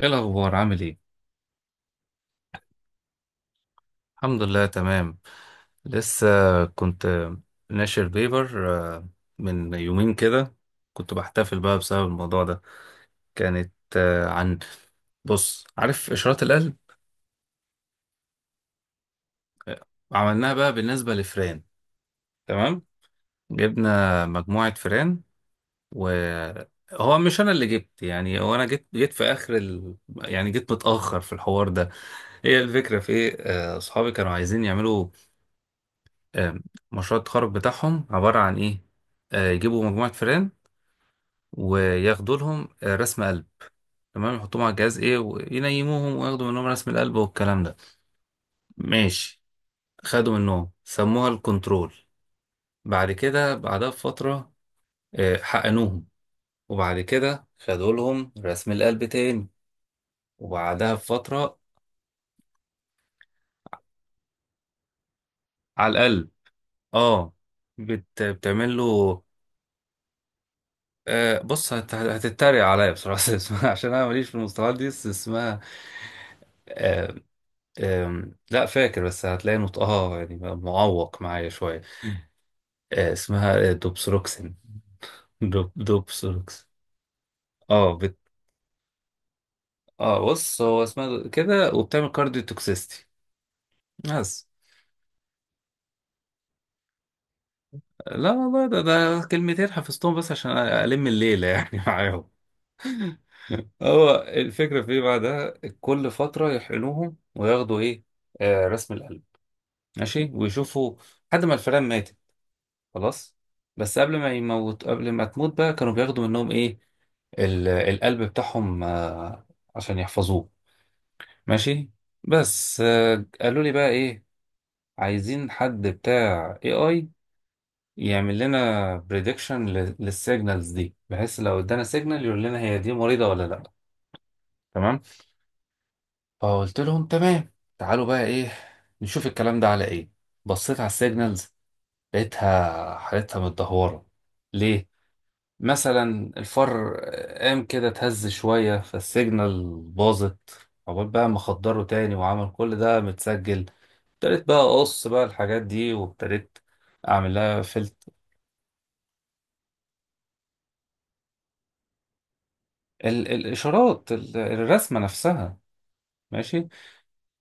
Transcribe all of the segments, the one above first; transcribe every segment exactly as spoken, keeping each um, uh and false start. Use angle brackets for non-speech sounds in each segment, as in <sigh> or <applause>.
ايه الاخبار عامل ايه؟ الحمد لله تمام. لسه كنت ناشر بيبر آه، من يومين كده، كنت بحتفل بقى بسبب الموضوع ده. كانت آه، عن، بص عارف اشارات القلب؟ آه، عملناها بقى بالنسبه لفئران. تمام، جبنا مجموعه فئران، وهو مش انا اللي جبت، يعني هو انا جيت جيت في اخر ال... يعني جيت متاخر في الحوار ده. هي الفكره في ايه؟ آه، اصحابي كانوا عايزين يعملوا آه، مشروع التخرج بتاعهم عبارة عن إيه؟ آه، يجيبوا مجموعة فئران وياخدوا لهم آه، رسم قلب. تمام، يحطوهم على الجهاز إيه وينيموهم وياخدوا منهم رسم القلب والكلام ده. ماشي، خدوا منهم سموها الكنترول. بعد كده، بعدها بفترة، آه، حقنوهم، وبعد كده خدوا لهم رسم القلب تاني، وبعدها بفترة على القلب. اه بت... بتعمل له. آه بص، هت... هتتريق عليا بصراحة. <laughs> اسمها، عشان أنا ماليش في المصطلحات دي، بس اسمها آه، أم، لا فاكر، بس هتلاقي نطقها يعني معوق معايا شوية. أه، اسمها آه، دوبسروكسين، دوب دوبسروكس. اه بت... اه بص، هو اسمها د- كده، وبتعمل كارديو توكسيستي بس. لا والله، ده ده كلمتين حفظتهم بس عشان ألم الليلة يعني <laughs> معاهم. هو الفكرة في ايه بعدها؟ كل فترة يحقنوهم وياخدوا ايه؟ آه رسم القلب. ماشي، ويشوفوا لحد ما الفئران ماتت. خلاص. بس قبل ما يموت، قبل ما تموت بقى، كانوا بياخدوا منهم ايه؟ ال- القلب بتاعهم آه، عشان يحفظوه. ماشي. بس آه، قالوا لي بقى ايه؟ عايزين حد بتاع اي اي يعمل لنا بريدكشن للسيجنالز دي، بحيث لو ادانا سيجنال يقول لنا هي دي مريضة ولا لا. تمام. فقلت لهم تمام، تعالوا بقى ايه نشوف الكلام ده على ايه. بصيت على السيجنالز، لقيتها حالتها متدهورة. ليه؟ مثلا الفار قام كده اتهز شوية فالسيجنال باظت، عقبال بقى ما خدره تاني، وعمل كل ده متسجل. ابتديت بقى اقص بقى الحاجات دي، وابتديت اعمل لها فلت. ال الاشارات ال الرسمة نفسها. ماشي.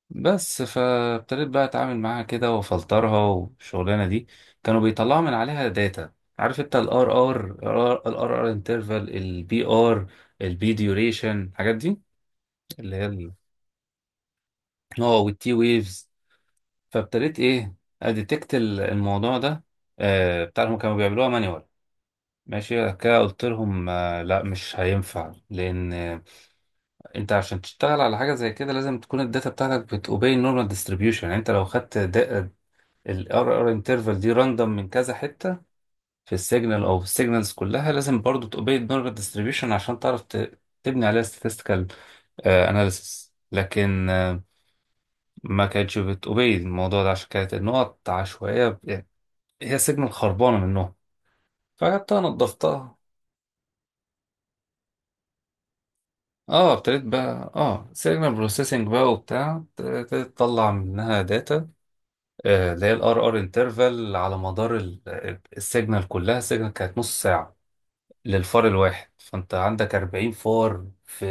بس فابتديت بقى اتعامل معاها كده وافلترها والشغلانة دي. كانوا بيطلعوا من عليها داتا، عارف انت؟ الار ار الار ار انترفال، البي ار، البي ديوريشن، الحاجات دي اللي هي، اه، والتي ويفز. فابتديت ايه، اديتكت ال- الموضوع ده. آه بتاعهم كانوا بيعملوها مانيوال. ماشي، بعد كده قلت لهم آه لا مش هينفع، لان آه انت عشان تشتغل على حاجه زي كده، لازم تكون الداتا بتاعتك بتوبي النورمال ديستريبيوشن. يعني انت لو خدت الار ار انترفال دي راندوم من كذا حته في السيجنال او في السيجنالز كلها، لازم برضو توبي النورمال ديستريبيوشن عشان تعرف ت- تبني عليها statistical آه analysis. لكن آه ما كانتش بتوبي الموضوع ده، عشان كانت النقط عشوائية، ب- يعني هي السيجنال خربانة منهم. فجبتها نضفتها. اه ابتديت بقى اه سيجنال بروسيسنج بقى وبتاع، ابتديت تطلع منها داتا آه، اللي هي الار ار انترفال على مدار السيجنال كلها. السيجنال كانت نص ساعة للفار الواحد، فانت عندك أربعين فار في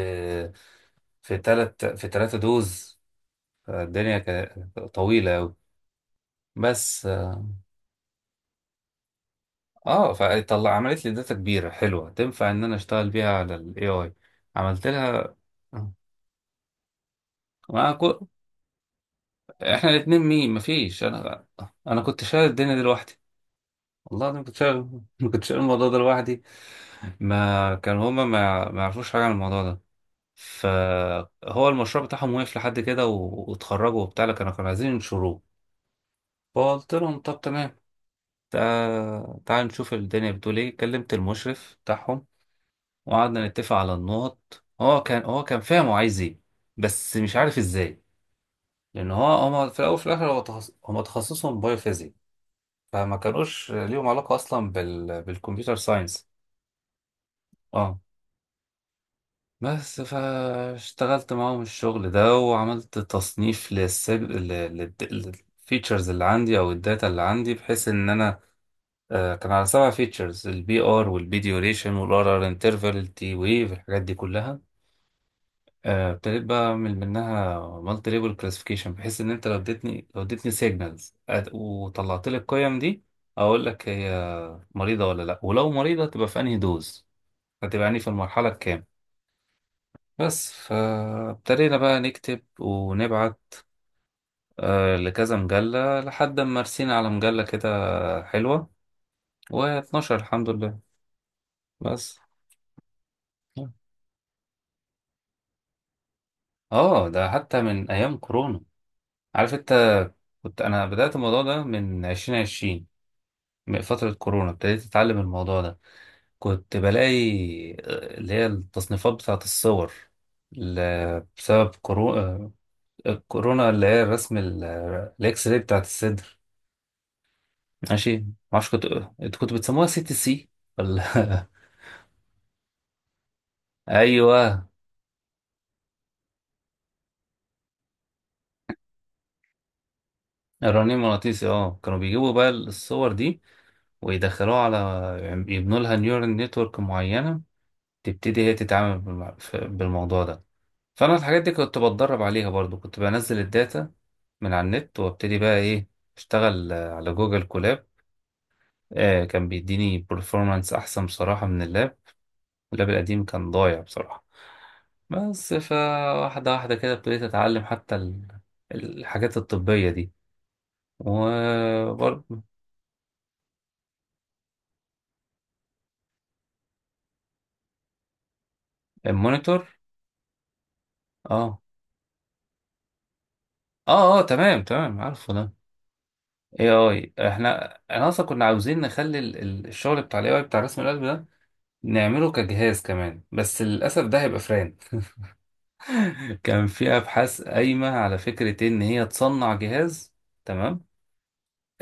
في تلات، في تلاتة دوز. الدنيا كانت طويلة أوي، بس اه فطلع، عملت لي داتا كبيره حلوه تنفع ان انا اشتغل بيها على الاي اي. عملت لها ما كو... احنا الاثنين مين؟ مفيش، انا. انا كنت شايل الدنيا دي لوحدي. والله انا كنت شايل <laughs> كنت شايل الموضوع ده لوحدي. ما كان هما ما, يع- ما يعرفوش حاجه عن الموضوع ده. فهو المشروع بتاعهم وقف لحد كده و... واتخرجوا وبتاع، لكن كانوا كانوا عايزين ينشروه. فقلت لهم طب تمام، تع- تعال نشوف الدنيا بتقول ايه. كلمت المشرف بتاعهم، وقعدنا نتفق على النقط. هو كان هو كان فاهم هو عايز ايه، بس مش عارف ازاي. لان هو، هما في الاول وفي الاخر، هو تخص... هما تخصصهم بايوفيزيك، فما كانوش ليهم علاقه اصلا بال... بالكمبيوتر ساينس. اه بس فاشتغلت معاهم الشغل ده، وعملت تصنيف للسب... لل... للفيتشرز اللي عندي، او الداتا اللي عندي، بحيث ان انا آه، كان على سبع فيتشرز: البي ار، والبي ديوريشن، والار ار انترفال، التي ويف، الحاجات دي كلها. آه، ابتديت بقى اعمل منها مالتي ليبل كلاسيفيكيشن، بحيث ان انت لو اديتني لو اديتني سيجنالز وطلعت لي القيم دي، اقول لك هي مريضه ولا لا، ولو مريضه تبقى في انهي دوز، هتبقى يعني في المرحله الكام. بس فابتدينا بقى نكتب ونبعت آه، لكذا مجله لحد ما رسينا على مجله كده حلوه، و12، الحمد لله. بس. اه ده حتى من ايام كورونا، عارف انت؟ كنت انا بدات الموضوع ده من عشرين، من فترة كورونا ابتديت أتعلم الموضوع ده. كنت بلاقي آه، اللي هي التصنيفات بتاعة الصور، ل- بسبب كورو- آه، كورونا، اللي هي الرسم ال- آه، الإكس راي بتاعة الصدر. ماشي، معرفش، كنت، انتوا كنتوا بتسموها سي تي سي ولا <laughs> أيوه. الرنين مغناطيسي، اه، كانوا بيجيبوا بقى الصور دي ويدخلوها على، يعني يبنوا لها نيورال نتورك معينة تبتدي هي تتعامل بالمع- ف- بالموضوع ده. فانا الحاجات دي كنت بتدرب عليها برضو، كنت بنزل الداتا من على النت، وابتدي بقى ايه، اشتغل آه، على جوجل كولاب. آه كان بيديني performance احسن بصراحة من اللاب. اللاب القديم كان ضايع بصراحة. بس فواحدة واحدة كده ابتديت اتعلم حتى ال- الحاجات الطبية دي. وبرضو المونيتور، اه اه، اه تمام تمام، عارفه ده. اي اي. احنا، انا اصلا كنا عاوزين نخلي ال- ال- الشغل بتاع الاي اي بتاع رسم القلب ده نعمله كجهاز كمان، بس للاسف ده هيبقى فران. <laughs> كان في ابحاث قايمه على فكره ان هي تصنع جهاز. تمام،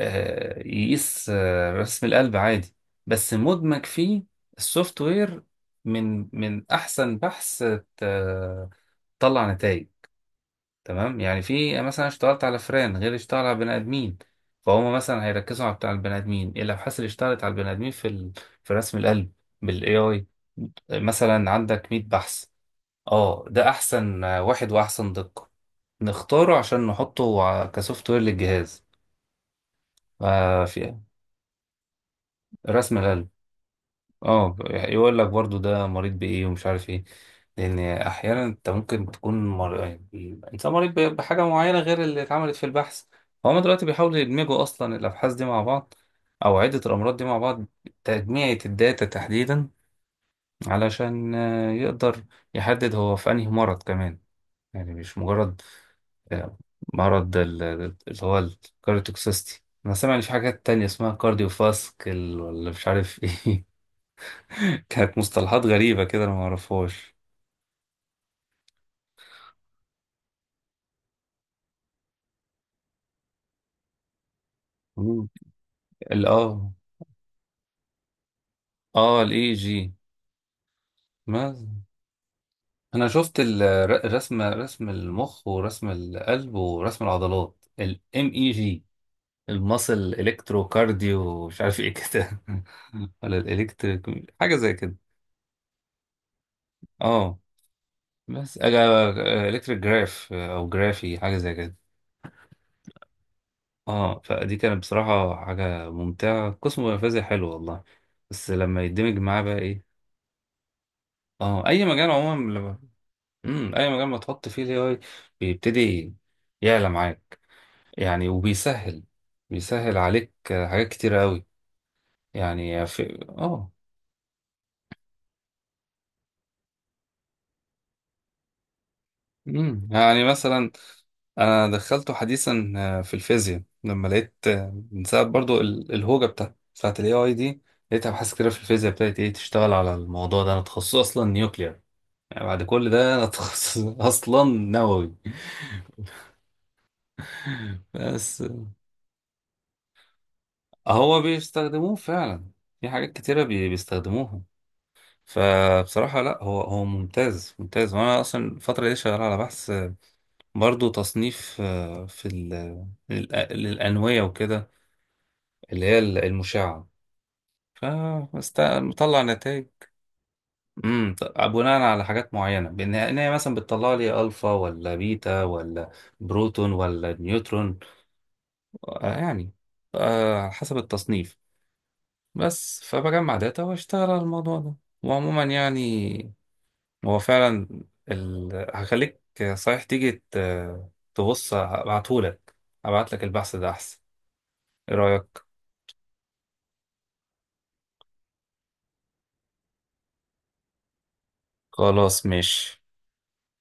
آه يقيس آه رسم القلب عادي، بس مدمج فيه السوفت وير. من من احسن بحث آه، طلع نتائج تمام. يعني في مثلا اشتغلت على فئران، غير اشتغل على بني ادمين. فهم مثلا هيركزوا على بتاع البني ادمين، اللوحات اللي اشتغلت على البني ادمين في ال... في رسم القلب بالاي اي. مثلا عندك مية بحث، اه ده احسن واحد واحسن دقة، نختاره عشان نحطه ع- كسوفت وير للجهاز آه في رسم القلب. اه يقول لك برضو ده مريض بايه، ومش عارف ايه. لان احيانا انت ممكن تكون مر... يعني انسان مريض ب- بحاجه معينه غير اللي اتعملت في البحث. هما دلوقتي بيحاولوا يدمجوا اصلا الابحاث دي مع بعض، او عده الامراض دي مع بعض، تجميعة الداتا تحديدا، علشان آه، يقدر يحدد هو في انهي مرض كمان، يعني مش مجرد آه، مرض ال- اللي هو الكارديوتوكسيستي. انا سامع ان في حاجات تانية اسمها كارديوفاسكل ولا مش عارف <laughs> ايه. كانت مصطلحات غريبة كده، أنا معرفهاش. مم. ال اه اه الاي جي. ما انا شفت الرسم، رسم رسم المخ، ورسم القلب، ورسم العضلات الام اي جي، المصل الكترو كارديو مش عارف ايه كده <laughs> ولا الالكتريك حاجه زي كده. اه بس الكتريك جراف او جرافي حاجه زي كده. اه، فدي كانت بصراحه حاجه ممتعه، قسم نفاذي حلو والله. بس لما يدمج معاه بقى إيه، اه اي مجال عموما لما، امم، اي مجال ما تحط فيه الاي اي بيبتدي يعلى معاك. يعني وبيسهل، بيسهل عليك آه، حاجات كتيرة قوي. يعني في اه، امم، يعني مثلا انا دخلته حديثا آه، في الفيزياء، لما لقيت آه، من ساعة، برضو ال- الهوجة بتاعت بتاعت الاي اي دي، لقيت ابحاث كتيرة في الفيزياء ابتدت ايه تشتغل على الموضوع ده. انا تخصصي اصلا نيوكلير، يعني بعد كل ده انا <laughs> تخصص اصلا نووي. <laughs> بس هو بيستخدموه فعلا في حاجات كتيرة، بي- بيستخدموها. فبصراحة لا، هو هو ممتاز ممتاز. وانا اصلا الفترة دي شغال على بحث برضو، تصنيف آه، في ال- للأ- للأنوية وكده، اللي هي المشعة، فمطلع نتائج. امم، بناء على حاجات معينة، بان إن هي مثلا بتطلع لي الفا ولا بيتا ولا بروتون ولا نيوترون، آه، يعني آه، حسب التصنيف. بس فبجمع داتا واشتغل على الموضوع ده. وعموما يعني هو فعلا ال... هخليك، صحيح تيجي ت... تبص، ابعتهولك، ابعتلك البحث ده احسن. ايه رأيك؟ خلاص ماشي.